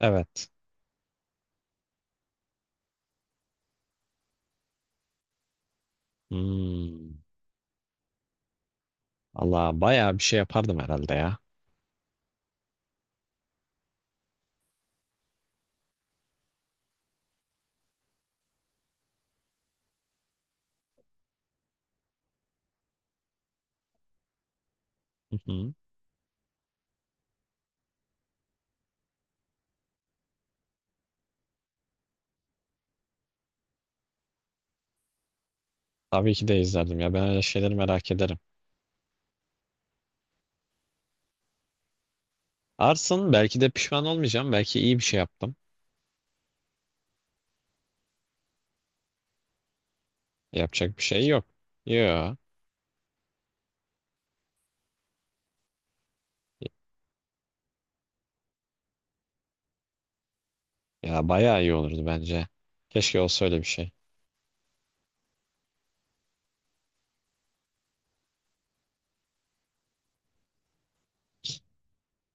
Evet. Hmm. Allah bayağı bir şey yapardım herhalde ya. Hı hı. Tabii ki de izlerdim ya. Ben öyle şeyleri merak ederim. Arsın belki de pişman olmayacağım. Belki iyi bir şey yaptım. Yapacak bir şey yok. Yo. Ya bayağı iyi olurdu bence. Keşke olsa öyle bir şey.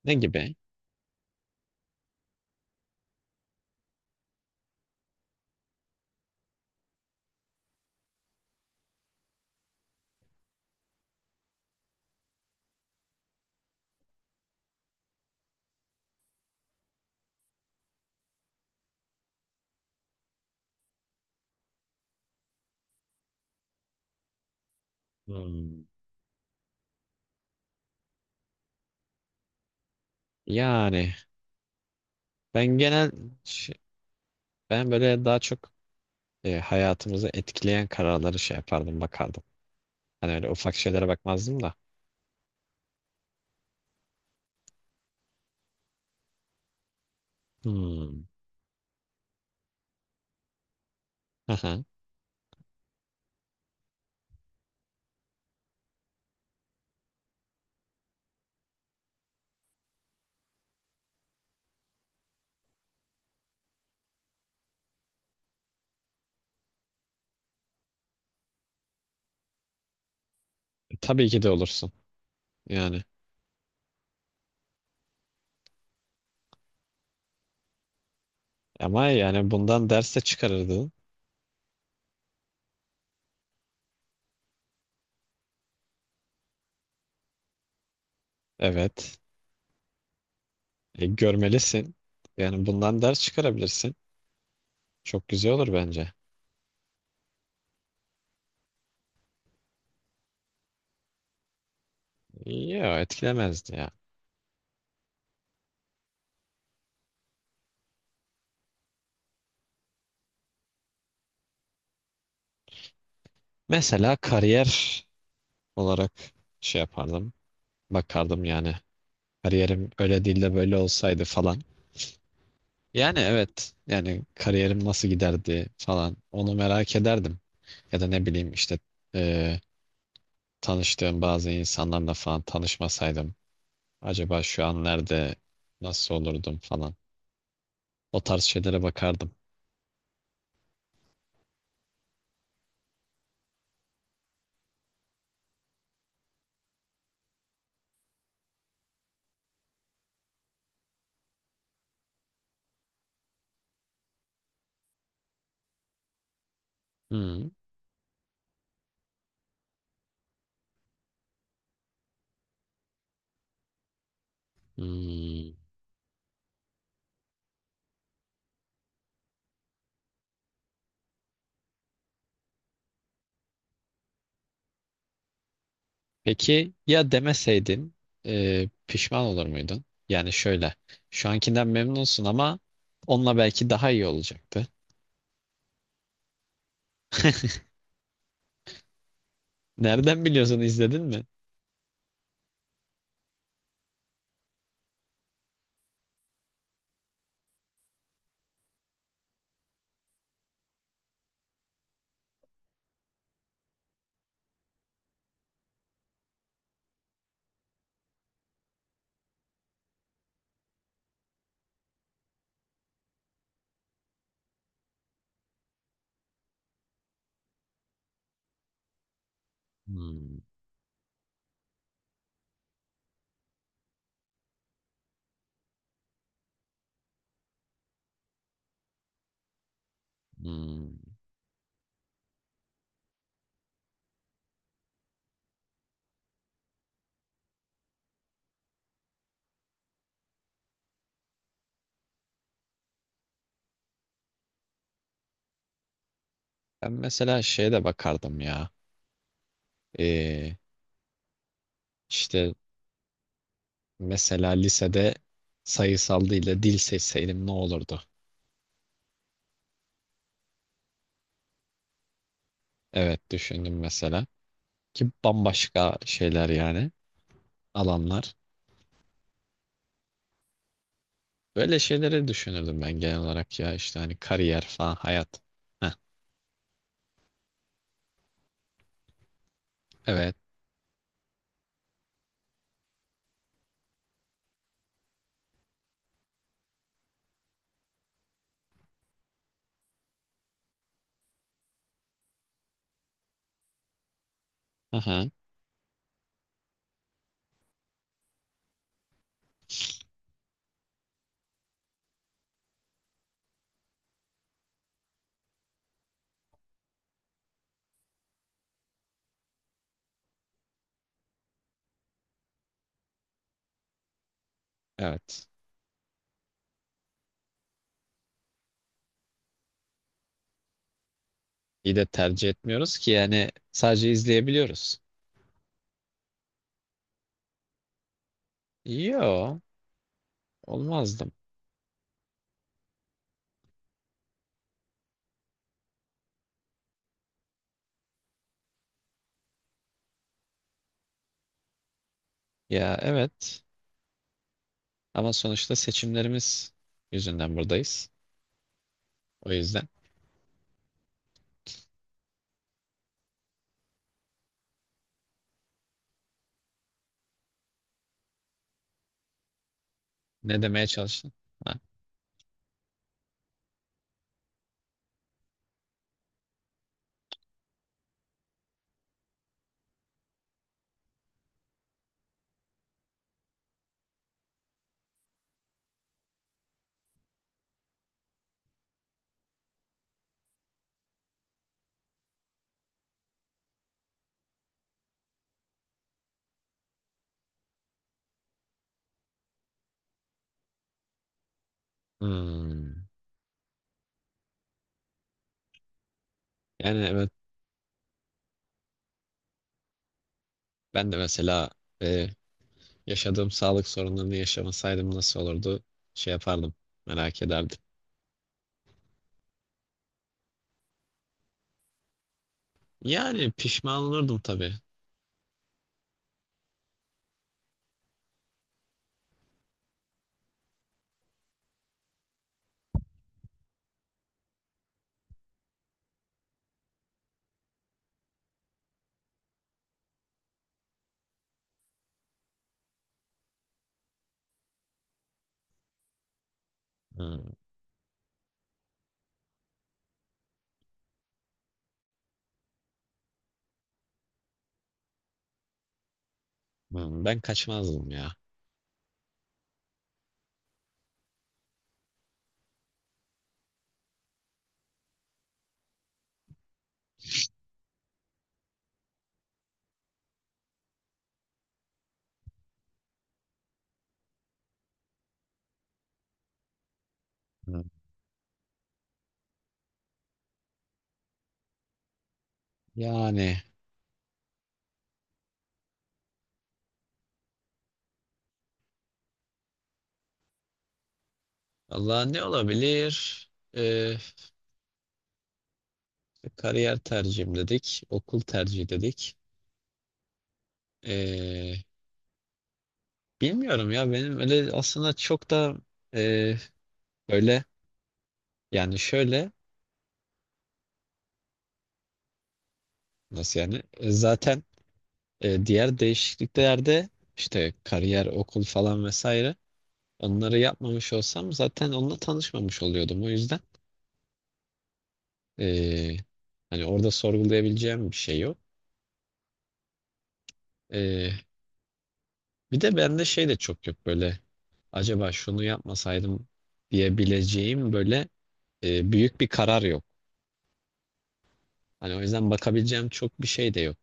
Ne gibi? Hmm. Yani ben genel ş- ben böyle daha çok hayatımızı etkileyen kararları şey yapardım bakardım. Hani öyle ufak şeylere bakmazdım da. Hmm. Aha. Tabii ki de olursun. Yani. Ama yani bundan ders de çıkarırdın. Evet. Görmelisin. Yani bundan ders çıkarabilirsin. Çok güzel olur bence. Yok etkilemezdi ya. Mesela kariyer olarak şey yapardım. Bakardım yani. Kariyerim öyle değil de böyle olsaydı falan. Yani evet. Yani kariyerim nasıl giderdi falan. Onu merak ederdim. Ya da ne bileyim işte e, tanıştığım bazı insanlarla falan tanışmasaydım. Acaba şu an nerede nasıl olurdum falan. O tarz şeylere bakardım. Hmm, hmm. Peki ya demeseydin pişman olur muydun? Yani şöyle şu ankinden memnunsun ama onunla belki daha iyi olacaktı. Nereden biliyorsun izledin mi? Hmm, hmm. Ben mesela şeye de bakardım ya. E, işte mesela lisede sayısal değil de dil seçseydim ne olurdu? Evet düşündüm mesela. Ki bambaşka şeyler yani alanlar. Böyle şeyleri düşünürdüm ben genel olarak ya işte hani kariyer falan hayat. Heh, evet. Aha, evet. İyi de tercih etmiyoruz ki yani sadece izleyebiliyoruz. Yo, olmazdım. Ya evet, ama sonuçta seçimlerimiz yüzünden buradayız. O yüzden ne demeye çalıştın? Ha. Hmm. Yani evet, ben de mesela e, yaşadığım sağlık sorunlarını yaşamasaydım nasıl olurdu şey yapardım merak ederdim. Yani pişman olurdum tabii. Hmm. Hmm, ben kaçmazdım ya. Hmm. Yani Allah ne olabilir? Ee, Kariyer tercihim dedik. Okul tercihi dedik. Ee, Bilmiyorum ya, benim öyle aslında çok da e, böyle yani şöyle nasıl yani. Zaten diğer değişikliklerde işte kariyer, okul falan vesaire onları yapmamış olsam zaten onunla tanışmamış oluyordum. O yüzden e, hani orada sorgulayabileceğim bir şey yok. E, Bir de bende şey de çok yok böyle. Acaba şunu yapmasaydım diyebileceğim böyle büyük bir karar yok. Hani o yüzden bakabileceğim çok bir şey de yok.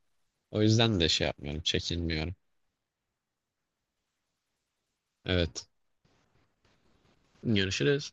O yüzden de şey yapmıyorum, çekinmiyorum. Evet. Görüşürüz.